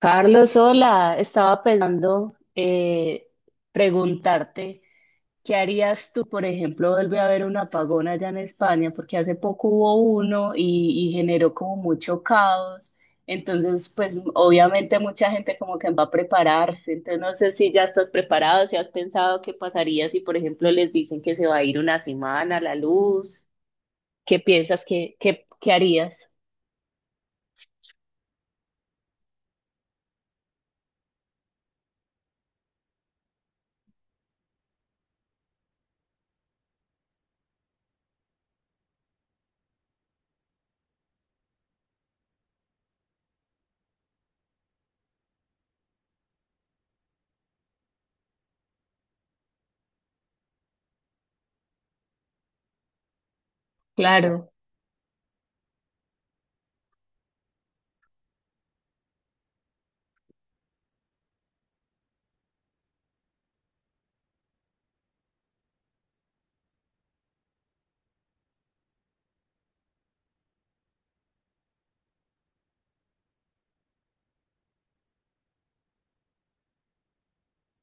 Carlos, hola. Estaba pensando preguntarte, ¿qué harías tú, por ejemplo, vuelve a haber un apagón allá en España? Porque hace poco hubo uno y generó como mucho caos. Entonces, pues obviamente mucha gente como que va a prepararse. Entonces, no sé si ya estás preparado, si has pensado qué pasaría si, por ejemplo, les dicen que se va a ir una semana la luz. ¿Qué piensas que, qué harías? Claro.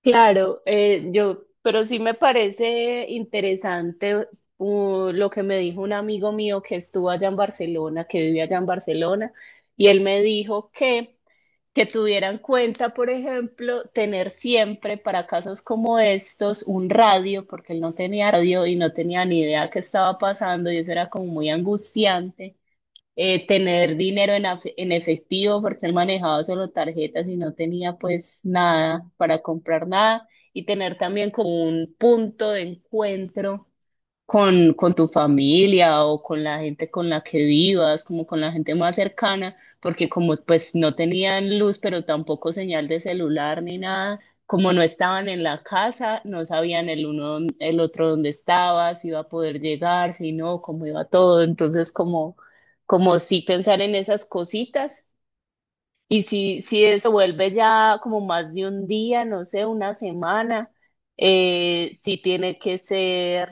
Claro, pero sí me parece interesante, lo que me dijo un amigo mío que estuvo allá en Barcelona, que vivía allá en Barcelona, y él me dijo que tuviera en cuenta, por ejemplo, tener siempre para casos como estos un radio, porque él no tenía radio y no tenía ni idea qué estaba pasando, y eso era como muy angustiante. Tener dinero en efectivo porque él manejaba solo tarjetas y no tenía pues nada para comprar nada, y tener también como un punto de encuentro con tu familia o con la gente con la que vivas, como con la gente más cercana, porque como pues no tenían luz, pero tampoco señal de celular ni nada. Como no estaban en la casa, no sabían el uno, el otro dónde estaba, si iba a poder llegar, si no, cómo iba todo. Entonces como, sí pensar en esas cositas. Y si eso vuelve ya como más de un día, no sé, una semana, sí tiene que ser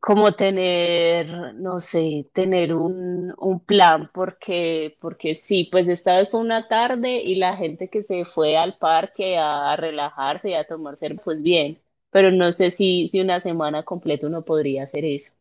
como tener, no sé, tener un plan, porque sí, pues esta vez fue una tarde y la gente que se fue al parque a relajarse y a tomar cerveza, pues bien, pero no sé si una semana completa uno podría hacer eso.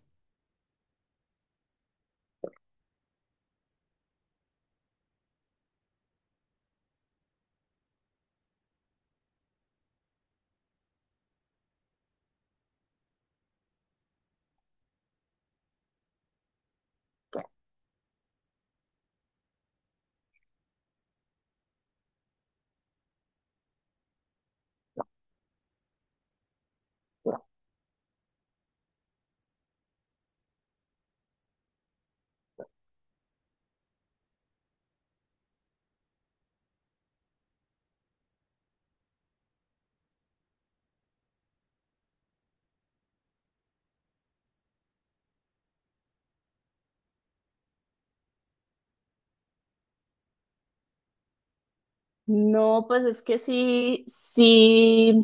No, pues es que sí, sí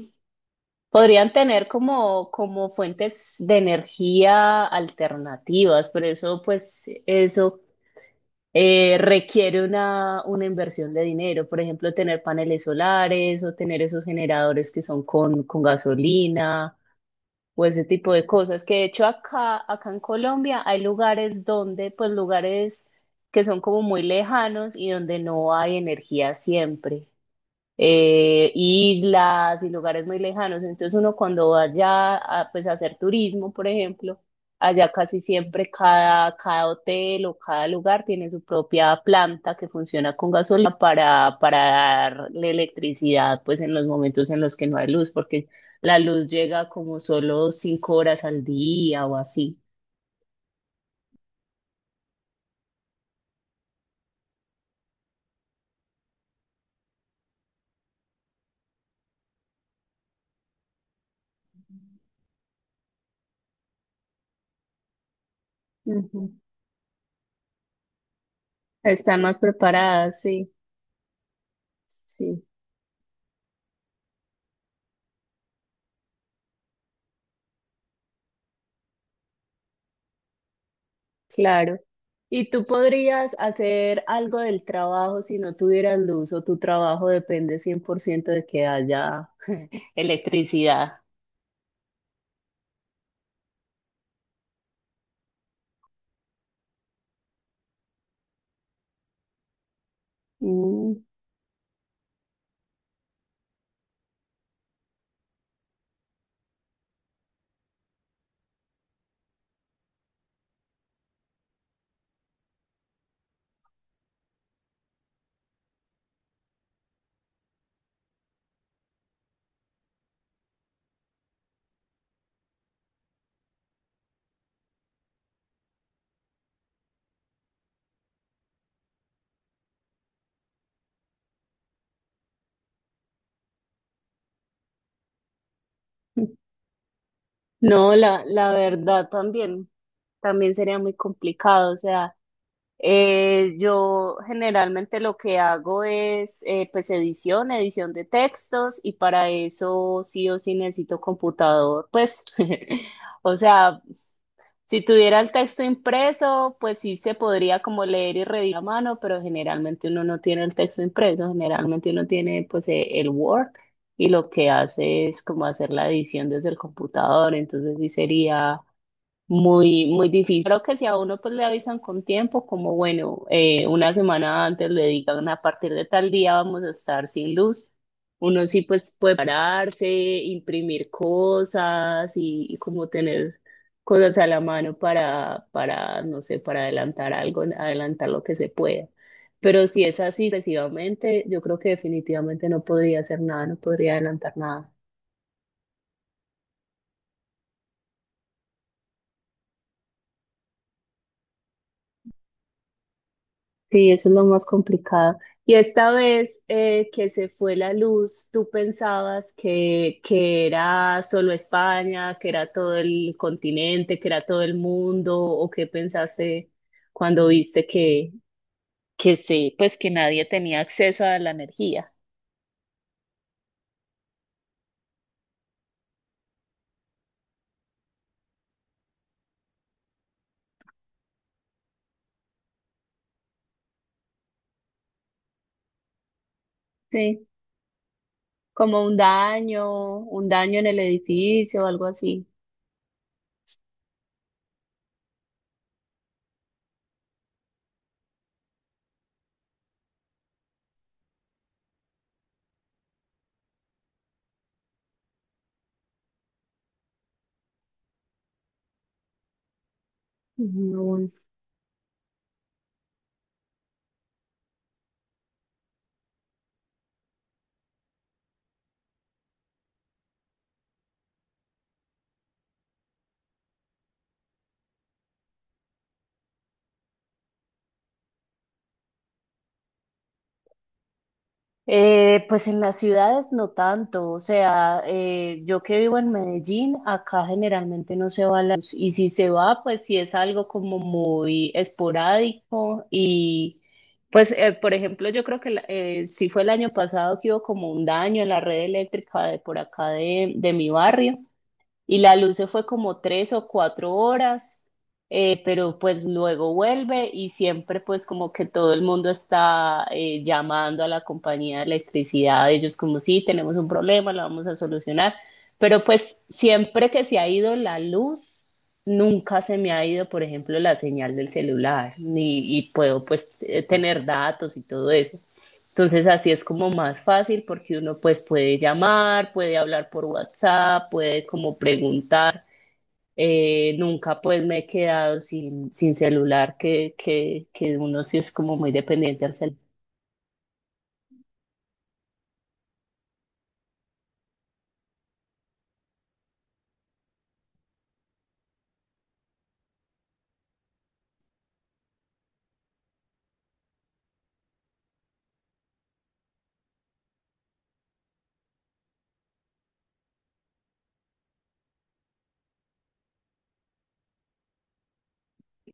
podrían tener como, fuentes de energía alternativas, pero eso, pues, eso requiere una inversión de dinero. Por ejemplo, tener paneles solares o tener esos generadores que son con gasolina o ese tipo de cosas. Que de hecho acá en Colombia hay lugares donde, pues lugares que son como muy lejanos y donde no hay energía siempre. Islas y lugares muy lejanos. Entonces uno cuando vaya a, pues, a hacer turismo, por ejemplo, allá casi siempre cada hotel o cada lugar tiene su propia planta que funciona con gasolina para darle electricidad pues en los momentos en los que no hay luz, porque la luz llega como solo 5 horas al día o así. Ujú. Están más preparadas, sí, sí. Claro. ¿Y tú podrías hacer algo del trabajo si no tuvieras luz, o tu trabajo depende 100% de que haya electricidad? Mm. No, la verdad también, sería muy complicado. O sea, yo generalmente lo que hago es, pues edición, de textos, y para eso sí o sí necesito computador. Pues, o sea, si tuviera el texto impreso, pues sí se podría como leer y revisar a mano, pero generalmente uno no tiene el texto impreso, generalmente uno tiene pues el Word, y lo que hace es como hacer la edición desde el computador. Entonces sí sería muy, muy difícil. Creo que si a uno pues le avisan con tiempo, como bueno, una semana antes le digan a partir de tal día vamos a estar sin luz, uno sí pues puede pararse, imprimir cosas y como tener cosas a la mano para, no sé, para adelantar algo, adelantar lo que se pueda. Pero si es así excesivamente, yo creo que definitivamente no podría hacer nada, no podría adelantar nada. Sí, eso es lo más complicado. Y esta vez, que se fue la luz, ¿tú pensabas que era solo España, que era todo el continente, que era todo el mundo? O ¿qué pensaste cuando viste que sí, pues que nadie tenía acceso a la energía? Sí, como un daño en el edificio o algo así. Ujú. Pues en las ciudades no tanto. O sea, yo que vivo en Medellín, acá generalmente no se va la luz, y si se va, pues sí es algo como muy esporádico. Y pues, por ejemplo, yo creo que sí fue el año pasado que hubo como un daño en la red eléctrica de por acá de mi barrio, y la luz se fue como 3 o 4 horas, pero pues luego vuelve, y siempre pues como que todo el mundo está llamando a la compañía de electricidad, ellos como sí, tenemos un problema, lo vamos a solucionar. Pero pues siempre que se ha ido la luz, nunca se me ha ido, por ejemplo, la señal del celular, ni, y puedo pues tener datos y todo eso. Entonces así es como más fácil, porque uno pues puede llamar, puede hablar por WhatsApp, puede como preguntar. Nunca pues me he quedado sin celular, que uno sí es como muy dependiente al celular.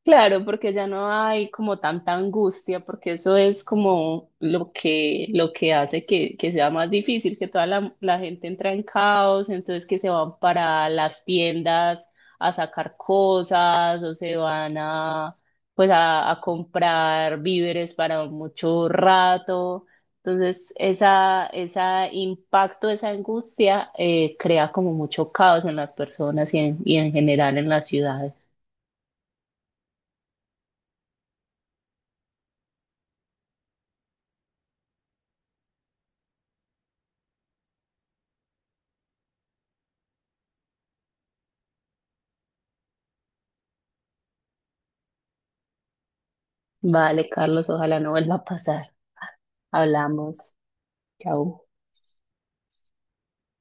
Claro, porque ya no hay como tanta angustia, porque eso es como lo que hace que sea más difícil, que toda la gente entra en caos, entonces que se van para las tiendas a sacar cosas, o se van pues a comprar víveres para mucho rato. Entonces, esa, ese impacto, esa angustia, crea como mucho caos en las personas, y en, general en las ciudades. Vale, Carlos, ojalá no vuelva a pasar. Hablamos. Chao.